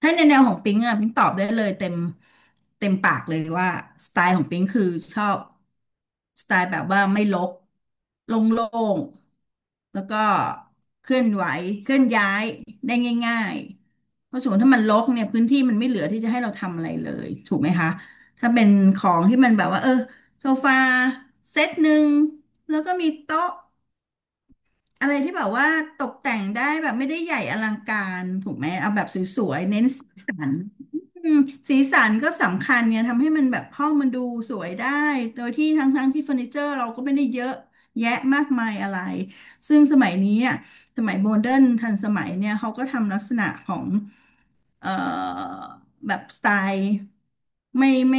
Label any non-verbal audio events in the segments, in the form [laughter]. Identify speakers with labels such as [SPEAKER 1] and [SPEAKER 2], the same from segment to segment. [SPEAKER 1] ถ้าในแนวของปิ๊งอะปิ๊งตอบได้เลยเต็มปากเลยว่าสไตล์ของปิ๊งคือชอบสไตล์แบบว่าไม่รกโล่งๆแล้วก็เคลื่อนไหวเคลื่อนย้ายได้ง่ายๆเพราะสมมติถ้ามันรกเนี่ยพื้นที่มันไม่เหลือที่จะให้เราทำอะไรเลยถูกไหมคะถ้าเป็นของที่มันแบบว่าโซฟาเซตหนึ่งแล้วก็มีโต๊ะ อะไรที่แบบว่าตกแต่งได้แบบไม่ได้ใหญ่อลังการถูกไหมเอาแบบสวยๆเน้นสีสันอืมสีสันก็สำคัญไงทำให้มันแบบห้องมันดูสวยได้โดยที่ทั้งๆที่เฟอร์นิเจอร์เราก็ไม่ได้เยอะแยะมากมายอะไรซึ่งสมัยนี้อ่ะสมัยโมเดิร์นทันสมัยเนี่ยเขาก็ทำลักษณะของเอ่อแบบสไตล์ไม่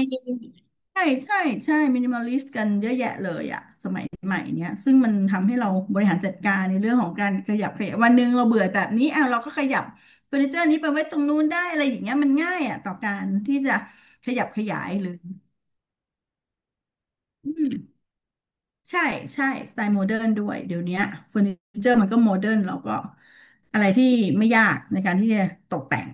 [SPEAKER 1] ใช่ใช่ใช่มินิมอลิสต์กันเยอะแยะเลยอะสมัยใหม่เนี้ยซึ่งมันทำให้เราบริหารจัดการในเรื่องของการขยับวันหนึ่งเราเบื่อแบบนี้อ่ะเราก็ขยับเฟอร์นิเจอร์นี้ไปไว้ตรงนู้นได้อะไรอย่างเงี้ยมันง่ายอะต่อการที่จะขยับขยายหรืออืมใช่ใช่สไตล์โมเดิร์นด้วยเดี๋ยวเนี้ยเฟอร์นิเจอร์มันก็โมเดิร์นเราก็อะไรที่ไม่ยากในการที่จะตกแต่ง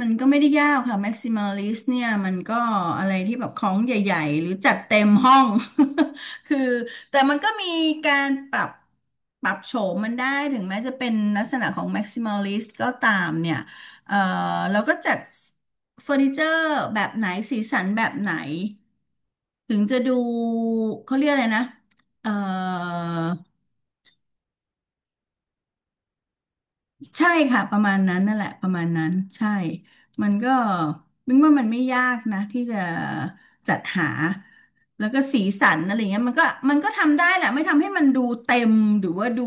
[SPEAKER 1] มันก็ไม่ได้ยากค่ะ maximalist เนี่ยมันก็อะไรที่แบบของใหญ่ๆหรือจัดเต็มห้อง [laughs] คือแต่มันก็มีการปรับโฉมมันได้ถึงแม้จะเป็นลักษณะของ maximalist ก็ตามเนี่ยเอ่อเราก็จัดเฟอร์นิเจอร์แบบไหนสีสันแบบไหนถึงจะดูเขาเรียกอะไรนะเอ่อ ใช่ค่ะประมาณนั้นนั่นแหละประมาณนั้นใช่ มันก็มิงว่ามันไม่ยากนะที่จะจัดหาแล้วก็สีสันอะไรเงี้ยมันก็ทำได้แหละไม่ทำให้มันดูเต็มหรือว่าดู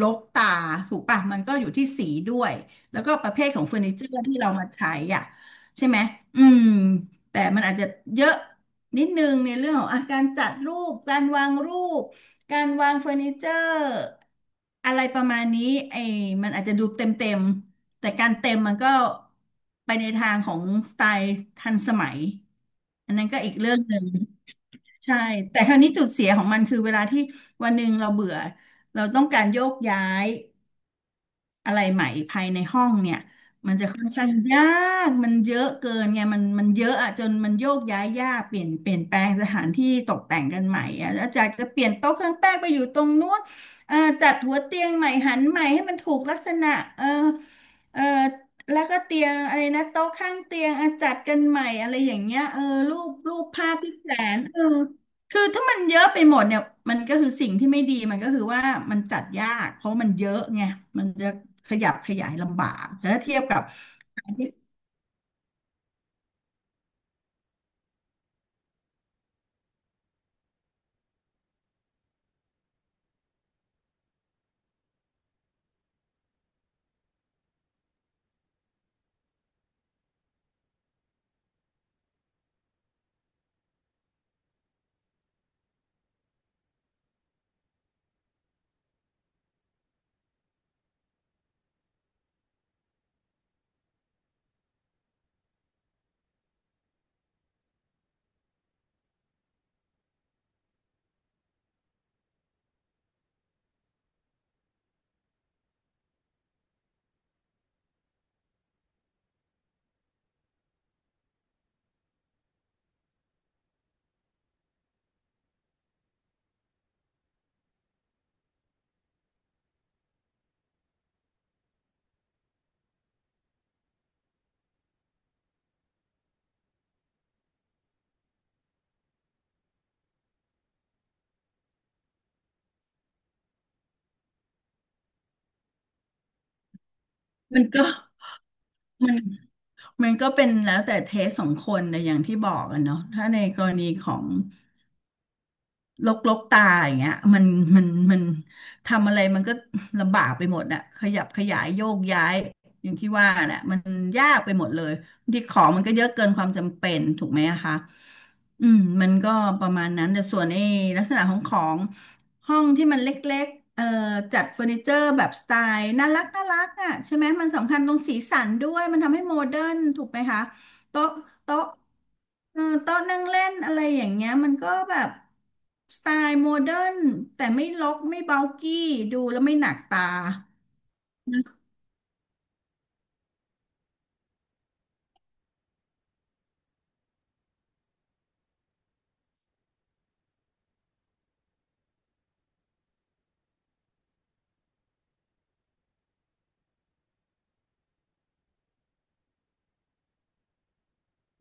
[SPEAKER 1] รกตาถูกปะมันก็อยู่ที่สีด้วยแล้วก็ประเภทของเฟอร์นิเจอร์ที่เรามาใช้อ่ะใช่ไหมอืมแต่มันอาจจะเยอะนิดนึงในเรื่องของอาการจัดรูปการวางรูป การวางเฟอร์นิเจอร์อะไรประมาณนี้ไอ้มันอาจจะดูเต็มแต่การเต็มมันก็ไปในทางของสไตล์ทันสมัยอันนั้นก็อีกเรื่องหนึ่งใช่แต่คราวนี้จุดเสียของมันคือเวลาที่วันหนึ่งเราเบื่อเราต้องการโยกย้าย อะไรใหม่ภายในห้องเนี่ยมันจะค่อนข้างยากมันเยอะเกินไงมันเยอะอะจนมันโยกย้ายยากเปลี่ยนแปลงสถานที่ตกแต่งกันใหม่อะอาจารย์จะเปลี่ยนโต๊ะเครื่องแป้งไปอยู่ตรงนู้นเอ่อจัดหัวเตียงใหม่หันใหม่ให้มันถูกลักษณะเออเออแล้วก็เตียงอะไรนะโต๊ะข้างเตียงอะจัดกันใหม่อะไรอย่างเงี้ยเออรูปภาพที่แขวนเออ คือถ้ามันเยอะไปหมดเนี่ยมันก็คือสิ่งที่ไม่ดีมันก็คือว่ามันจัดยากเพราะมันเยอะไงมันจะขยับขยายลำบากแต่ถ้าเทียบกับอันที่มันก็มันมันก็เป็นแล้วแต่เทสของคนแต่อย่างที่บอกกันเนาะถ้าในกรณีของ ลกตาอย่างเงี้ยมันมันทำอะไรมันก็ลำบากไปหมดน่ะขยับขยายโยกย้ายอย่างที่ว่าน่ะมันยากไปหมดเลยบางที่ของมันก็เยอะเกินความจำเป็นถูกไหมอะคะอืมมันก็ประมาณนั้นแต่ส่วนไอ้ลักษณะของของห้องที่มันเล็กๆจัดเฟอร์นิเจอร์แบบสไตล์น่ารักน่ารักอ่ะใช่ไหมมันสำคัญตรงสีสันด้วยมันทำให้โมเดิร์นถูกไหมคะ โต๊ะโต๊ะเออโต๊ะนั่งเล่นอะไรอย่างเงี้ยมันก็แบบสไตล์โมเดิร์นแต่ไม่รกไม่เบากี้ดูแล้วไม่หนักตาอ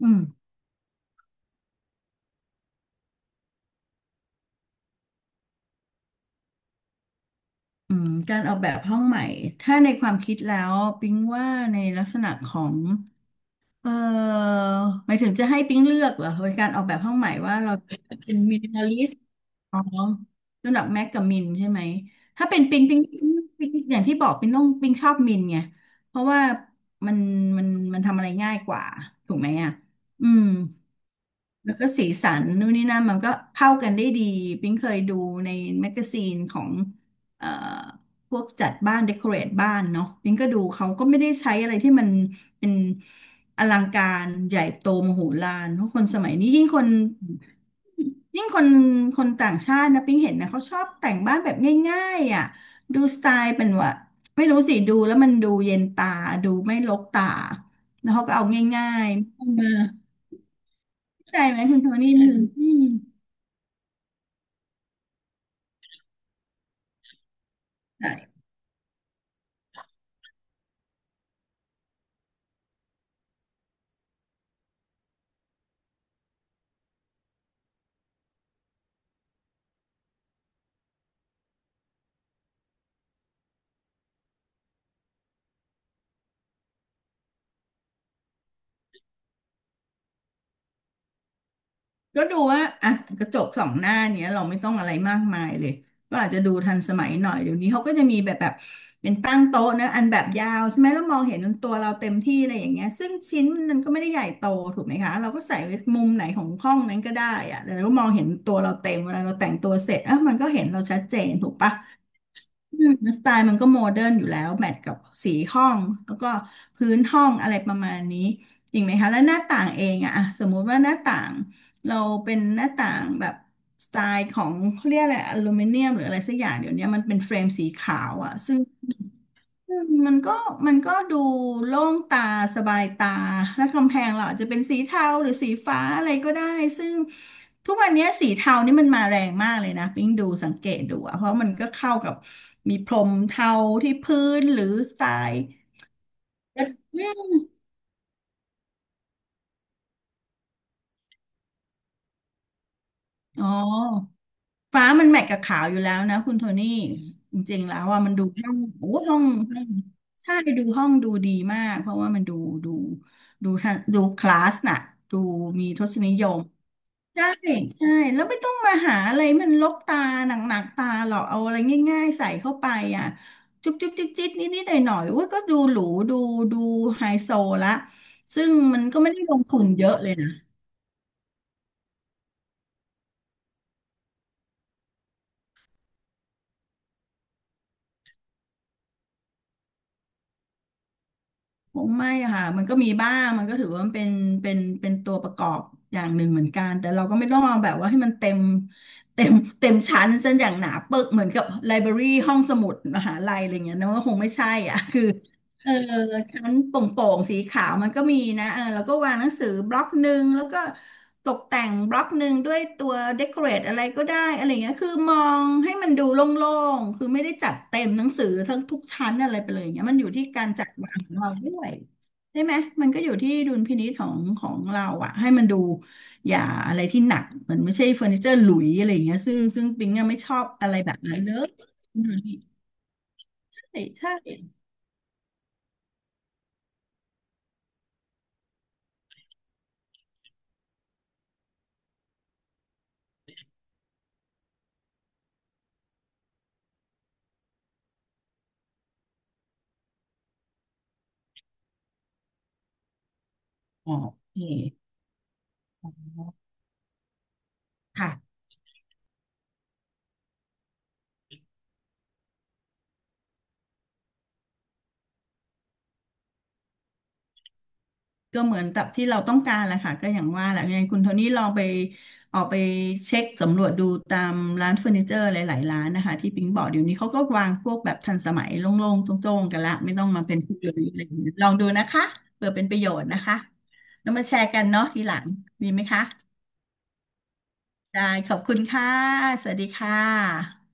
[SPEAKER 1] ืมอืมการออกแบบห้องใหม่ถ้าในความคิดแล้วปิ๊งว่าในลักษณะของ เอ่อหมายถึงจะให้ปิ๊งเลือกเหรอเป็นการออกแบบห้องใหม่ว่าเราเป็นมินิมอลิสต์อ๋อระดับแม็กกับมินใช่ไหมถ้าเป็นปิ๊งปิ๊งอย่างที่บอกปิ๊งต้องปิ๊งชอบมินไงเพราะว่ามันมันมันทำอะไรง่ายกว่าถูกไหมอ่ะอืม แล้วก็สีสันนู่นนี่นั่นมันก็เข้ากันได้ดีปิ๊งเคยดูในแมกกาซีนของเอ่อพวกจัดบ้านเดคอเรทบ้านเนาะปิ๊งก็ดูเขาก็ไม่ได้ใช้อะไรที่มันเป็นอลังการใหญ่โตมโหฬารเพราะคนสมัยนี้ยิ่งคนยิ่งคนคนต่างชาตินะปิ๊งเห็นนะเขาชอบแต่งบ้านแบบง่ายๆอ่ะดูสไตล์เป็นว่าไม่รู้สิดูแล้วมันดูเย็นตาดูไม่รกตาแล้วเขาก็เอาง่ายๆ่มา ใจไหมคุณโทนี่อืออืมใช่ก็ดูว่าอ่ะกระจกสองหน้าเนี้ยเราไม่ต้องอะไรมากมายเลยก็อาจจะดูทันสมัยหน่อยเดี๋ยวนี้เขาก็จะมีแบบเป็นตั้งโต๊ะนะอันแบบยาวใช่ไหมแล้วมองเห็นตัวเราเต็มที่อะไรอย่างเงี้ยซึ่งชิ้นมันก็ไม่ได้ใหญ่โตถูกไหมคะเราก็ใส่ไว้มุมไหนของห้องนั้นก็ได้อะแล้วเราก็มองเห็นตัวเราเต็มเวลาเราแต่งตัวเสร็จอ่ะมันก็เห็นเราชัดเจนถูกปะ อืมสไตล์มันก็โมเดิร์นอยู่แล้วแมทกับสีห้องแล้วก็พื้นห้องอะไรประมาณนี้จริงไหมคะแล้วหน้าต่างเองอะอะสมมุติว่าหน้าต่างเราเป็นหน้าต่างแบบสไตล์ของเขาเรียกอะไรอลูมิเนียมหรืออะไรสักอย่างเดี๋ยวนี้มันเป็นเฟรมสีขาวอะซึ่ง อืมมันก็ดูโล่งตาสบายตาและกำแพงเราอาจจะเป็นสีเทาหรือสีฟ้าอะไรก็ได้ซึ่งทุกวันนี้สีเทานี่มันมาแรงมากเลยนะปิ๊งดูสังเกตดูอะเพราะมันก็เข้ากับมีพรมเทาที่พื้นหรือสไตล์อ๋อฟ้ามันแมทกับขาวอยู่แล้วนะคุณโทนี่จริงๆแล้วว่ามันดูห้องโอ้ห้องห้องใช่ดูห้องดูดีมากเพราะว่ามันดูดูทดูคลาสน่ะดูมีทศนิยม ใช่ใช่แล้วไม่ต้องมาหาอะไรมันลกตาหนักๆตาหรอกเอาอะไรง่ายๆใส่เข้าไปอ่ะจุ๊บจุ๊บจิ๊บจิ๊บนิดนิดหน่อยหน่อยๆอุ้ยก็ดูหรูดูดูไฮโซละซึ่งมันก็ไม่ได้ลงทุนเยอะเลยนะคงไม่อะค่ะมันก็มีบ้างมันก็ถือว่ามันเป็นตัวประกอบอย่างหนึ่งเหมือนกันแต่เราก็ไม่ต้องเอาแบบว่าให้มันเต็มเต็มชั้นเส้นอย่างหนาปึกเหมือนกับไลบรารีห้องสมุดมหาลัยอะไรเงี้ยนะว่าคงไม่ใช่อ่ะคือ เออชั้นโป่งๆสีขาวมันก็มีนะเออแล้วก็วางหนังสือบล็อกหนึ่งแล้วก็ตกแต่งบล็อกหนึ่งด้วยตัวเดคอเรทอะไรก็ได้อะไรเงี้ยคือมองให้มันดูโล่งๆคือไม่ได้จัดเต็มหนังสือทั้งทุกชั้นอะไรไปเลยเงี้ยมันอยู่ที่การจัดวางของเราด้วยใช่ไหมมันก็อยู่ที่ดุลพินิจของของเราอะให้มันดูอย่าอะไรที่หนักมันไม่ใช่เฟอร์นิเจอร์หลุยอะไรเงี้ยซึ่งปิงอะไม่ชอบอะไรแบบนั้นเลยใช่ใช่อ๋อโอเคค่ะ ก็เหมือนกับที่เราต้องการแหละค่ะก็อย่างว่าแหละยังไงคุณโทนี่ลองไปออกไปเช็คสำรวจดูตามร้านเฟอร์นิเจอร์หลายๆร้านนะคะที่ปิงบอกเดี๋ยวนี้เขาก็วางพวกแบบทันสมัยโล่งๆโจ้งๆกันละไม่ต้องมาเป็นผู้เดียวอะไรอย่างเงี้ยลองดูนะคะเผื่อเป็นประโยชน์นะคะแล้วมาแชร์กันเนาะทีหลังดีไหมคะได้ขอบคุณค่ะสวัสดีค่ะ